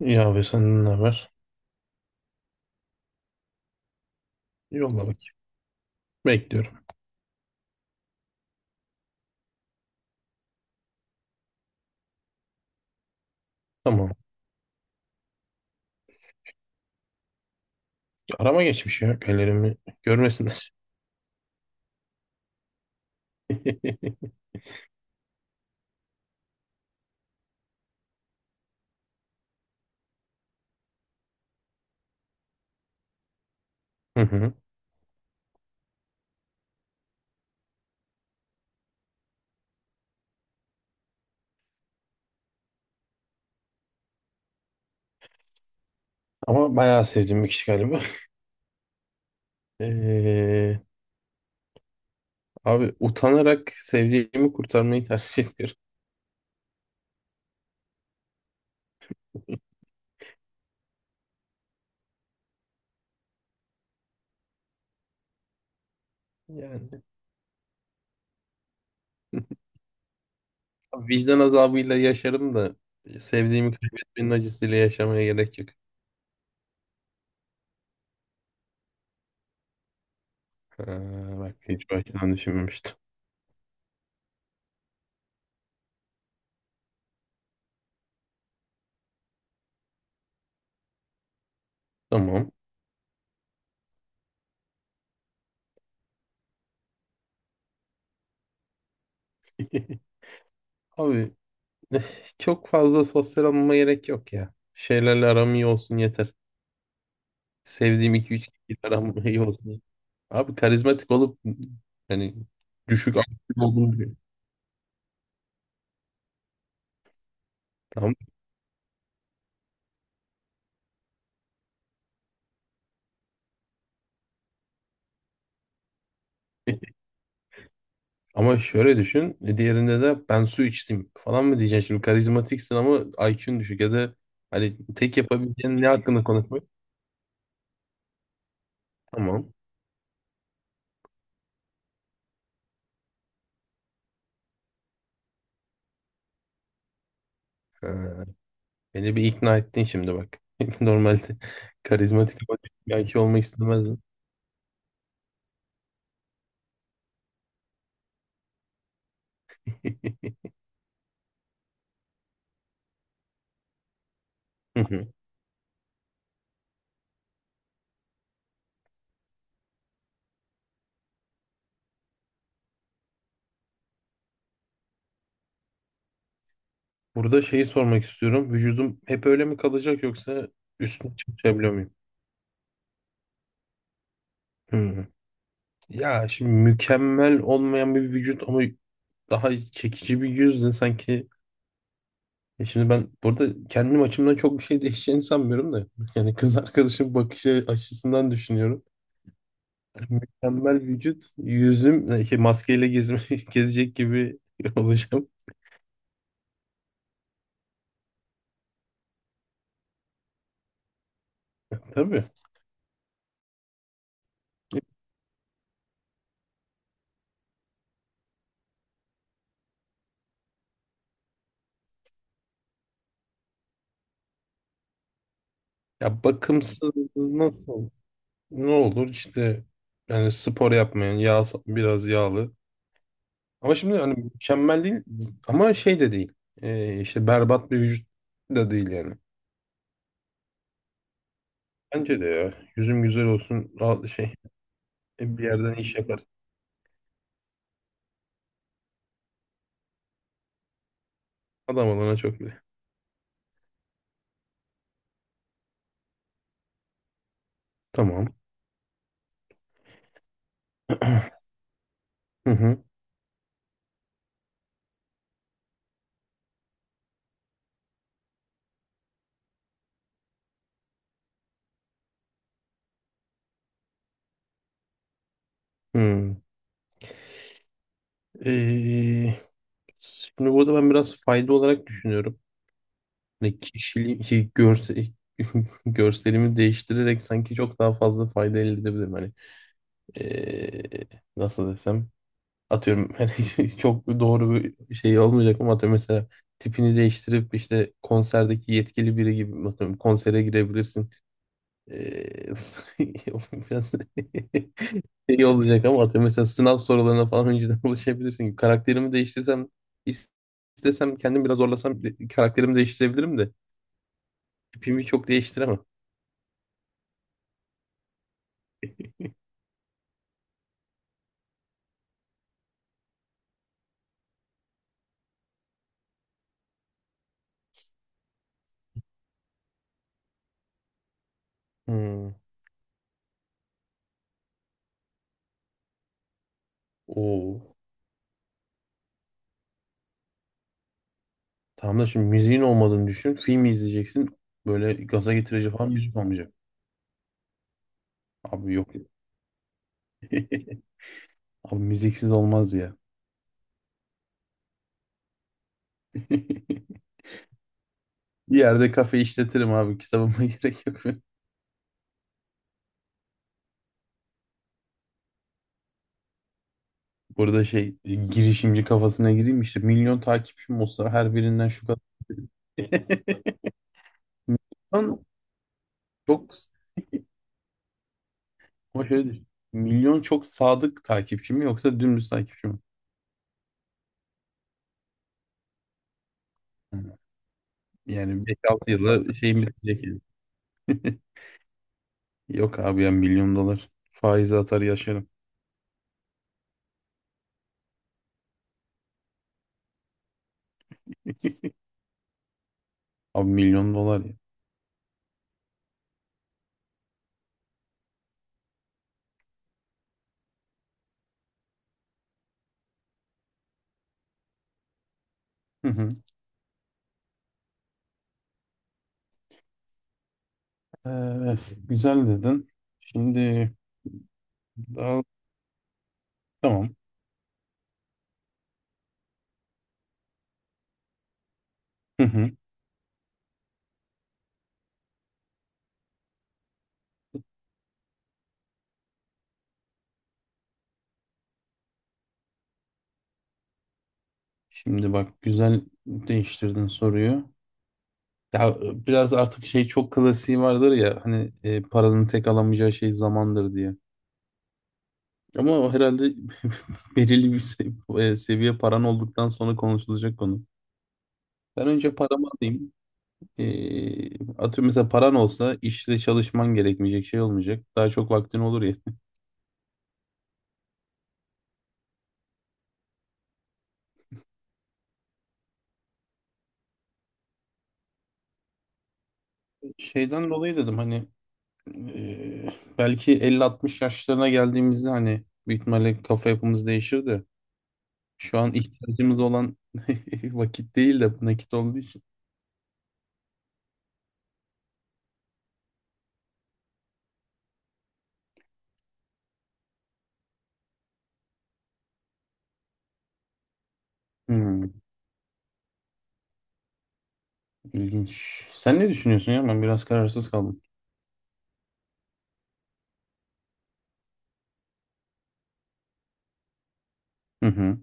İyi abi senden ne haber? Yolla bakayım. Bekliyorum. Tamam. Arama geçmiş ya. Ellerimi görmesinler. Hı hı. Ama bayağı sevdiğim bir kişi galiba. Ee, abi utanarak sevdiğimi kurtarmayı tercih ediyorum. Yani abi vicdan azabıyla yaşarım da sevdiğimi kaybetmenin acısıyla yaşamaya gerek yok. Ha, bak hiç baştan düşünmemiştim. Tamam. Abi eh, çok fazla sosyal olmama gerek yok ya. Şeylerle aram iyi olsun yeter. Sevdiğim iki üç kişi aram iyi olsun. Abi karizmatik olup hani düşük IQ olduğunu düşün. Tamam. Ama şöyle düşün. Diğerinde de ben su içtim falan mı diyeceksin şimdi? Karizmatiksin ama IQ'un düşük ya da hani tek yapabileceğin ne hakkında konuşmak? Tamam. Ha, beni bir ikna ettin şimdi bak. Normalde karizmatik ama düşük IQ olmak istemezdim. Hı hı. Burada şeyi sormak istiyorum. Vücudum hep öyle mi kalacak yoksa üstüne çalışabiliyor muyum? Hı. Ya şimdi mükemmel olmayan bir vücut ama daha çekici bir yüz de sanki. E şimdi ben burada kendim açımdan çok bir şey değişeceğini sanmıyorum da. Yani kız arkadaşım bakışı açısından düşünüyorum. Yani mükemmel vücut, yüzüm şey, maskeyle gezme, gezecek gibi olacağım. Tabii. Ya bakımsız nasıl? Ne olur işte yani spor yapmayan, yağ, biraz yağlı. Ama şimdi hani mükemmel değil ama şey de değil. İşte berbat bir vücut da değil yani. Bence de ya. Yüzüm güzel olsun. Rahat şey. Bir yerden iş yapar. Adam olana çok bile. Tamam. Hı hı. Hı. Ee, şimdi burada ben biraz fayda olarak düşünüyorum. Hani kişiliği, şey, görselimi değiştirerek sanki çok daha fazla fayda elde edebilirim. Hani ee, nasıl desem. Atıyorum hani çok doğru bir şey olmayacak ama atıyorum mesela tipini değiştirip işte konserdeki yetkili biri gibi atıyorum konsere girebilirsin. Ee, O biraz şey olacak ama atıyorum mesela sınav sorularına falan önceden ulaşabilirsin. Karakterimi değiştirsem is- istesem kendim biraz zorlasam karakterimi değiştirebilirim de tipimi çok değiştiremem. Hmm. Oo. Tamam da şimdi müziğin olmadığını düşün. Film izleyeceksin. Böyle gaza getirici falan müzik olmayacak. Abi yok. Abi müziksiz olmaz ya. Bir yerde kafe işletirim abi. Kitabıma gerek yok. Burada şey girişimci kafasına gireyim işte milyon takipçim olsa her birinden şu kadar. Milyon çok ama şöyle düşün. Milyon çok sadık takipçi mi yoksa dümdüz takipçi mi? Hı. Yani beş altı yılda şeyim bitecek yani. Yok abi ya milyon dolar. Faize atar yaşarım. Abi milyon dolar ya. Hı hı. Evet, güzel dedin. Şimdi daha. Tamam. Hı hı. Şimdi bak güzel değiştirdin soruyu. Ya biraz artık şey çok klasiği vardır ya hani paranın tek alamayacağı şey zamandır diye. Ama o herhalde belirli bir seviye paran olduktan sonra konuşulacak konu. Ben önce paramı alayım. E, atıyorum mesela paran olsa işte çalışman gerekmeyecek şey olmayacak. Daha çok vaktin olur ya. Şeyden dolayı dedim hani e, belki 50-60 yaşlarına geldiğimizde hani büyük ihtimalle kafa yapımız değişir de şu an ihtiyacımız olan vakit değil de nakit olduğu için. Hmm, ilginç. Sen ne düşünüyorsun ya? Ben biraz kararsız kaldım. Hı hı.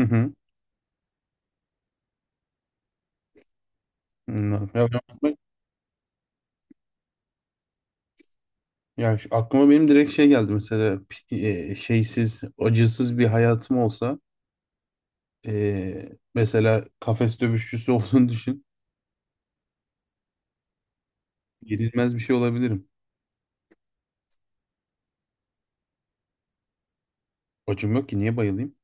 Hı hı. Anladım. Ya, ben- ya aklıma benim direkt şey geldi mesela şeysiz, acısız bir hayatım olsa mesela kafes dövüşçüsü olduğunu düşün. Yenilmez bir şey olabilirim. Acım yok ki niye bayılayım?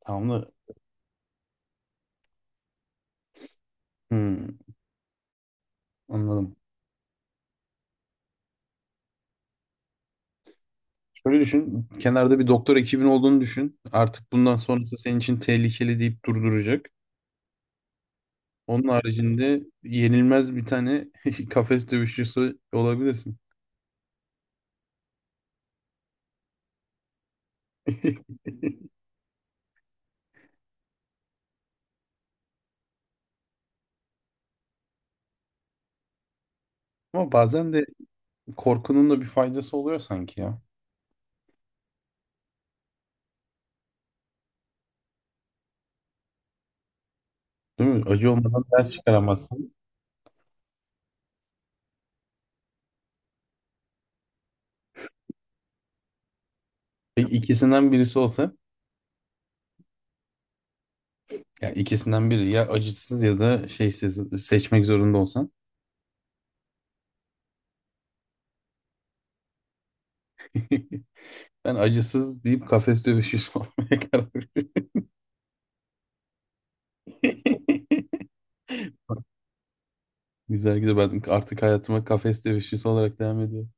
Tamam da hmm, anladım. Şöyle düşün. Kenarda bir doktor ekibin olduğunu düşün. Artık bundan sonrası senin için tehlikeli deyip durduracak. Onun haricinde yenilmez bir tane kafes dövüşçüsü olabilirsin. Ama bazen de korkunun da bir faydası oluyor sanki ya. Değil mi? Acı olmadan ders çıkaramazsın. Peki ikisinden birisi olsa, ya ikisinden biri ya acısız ya da şeysiz seçmek zorunda olsan. Ben acısız deyip kafes dövüşçüsü olmaya karar verdim. Güzel güzel ben artık hayatıma kafes dövüşçüsü olarak devam ediyorum.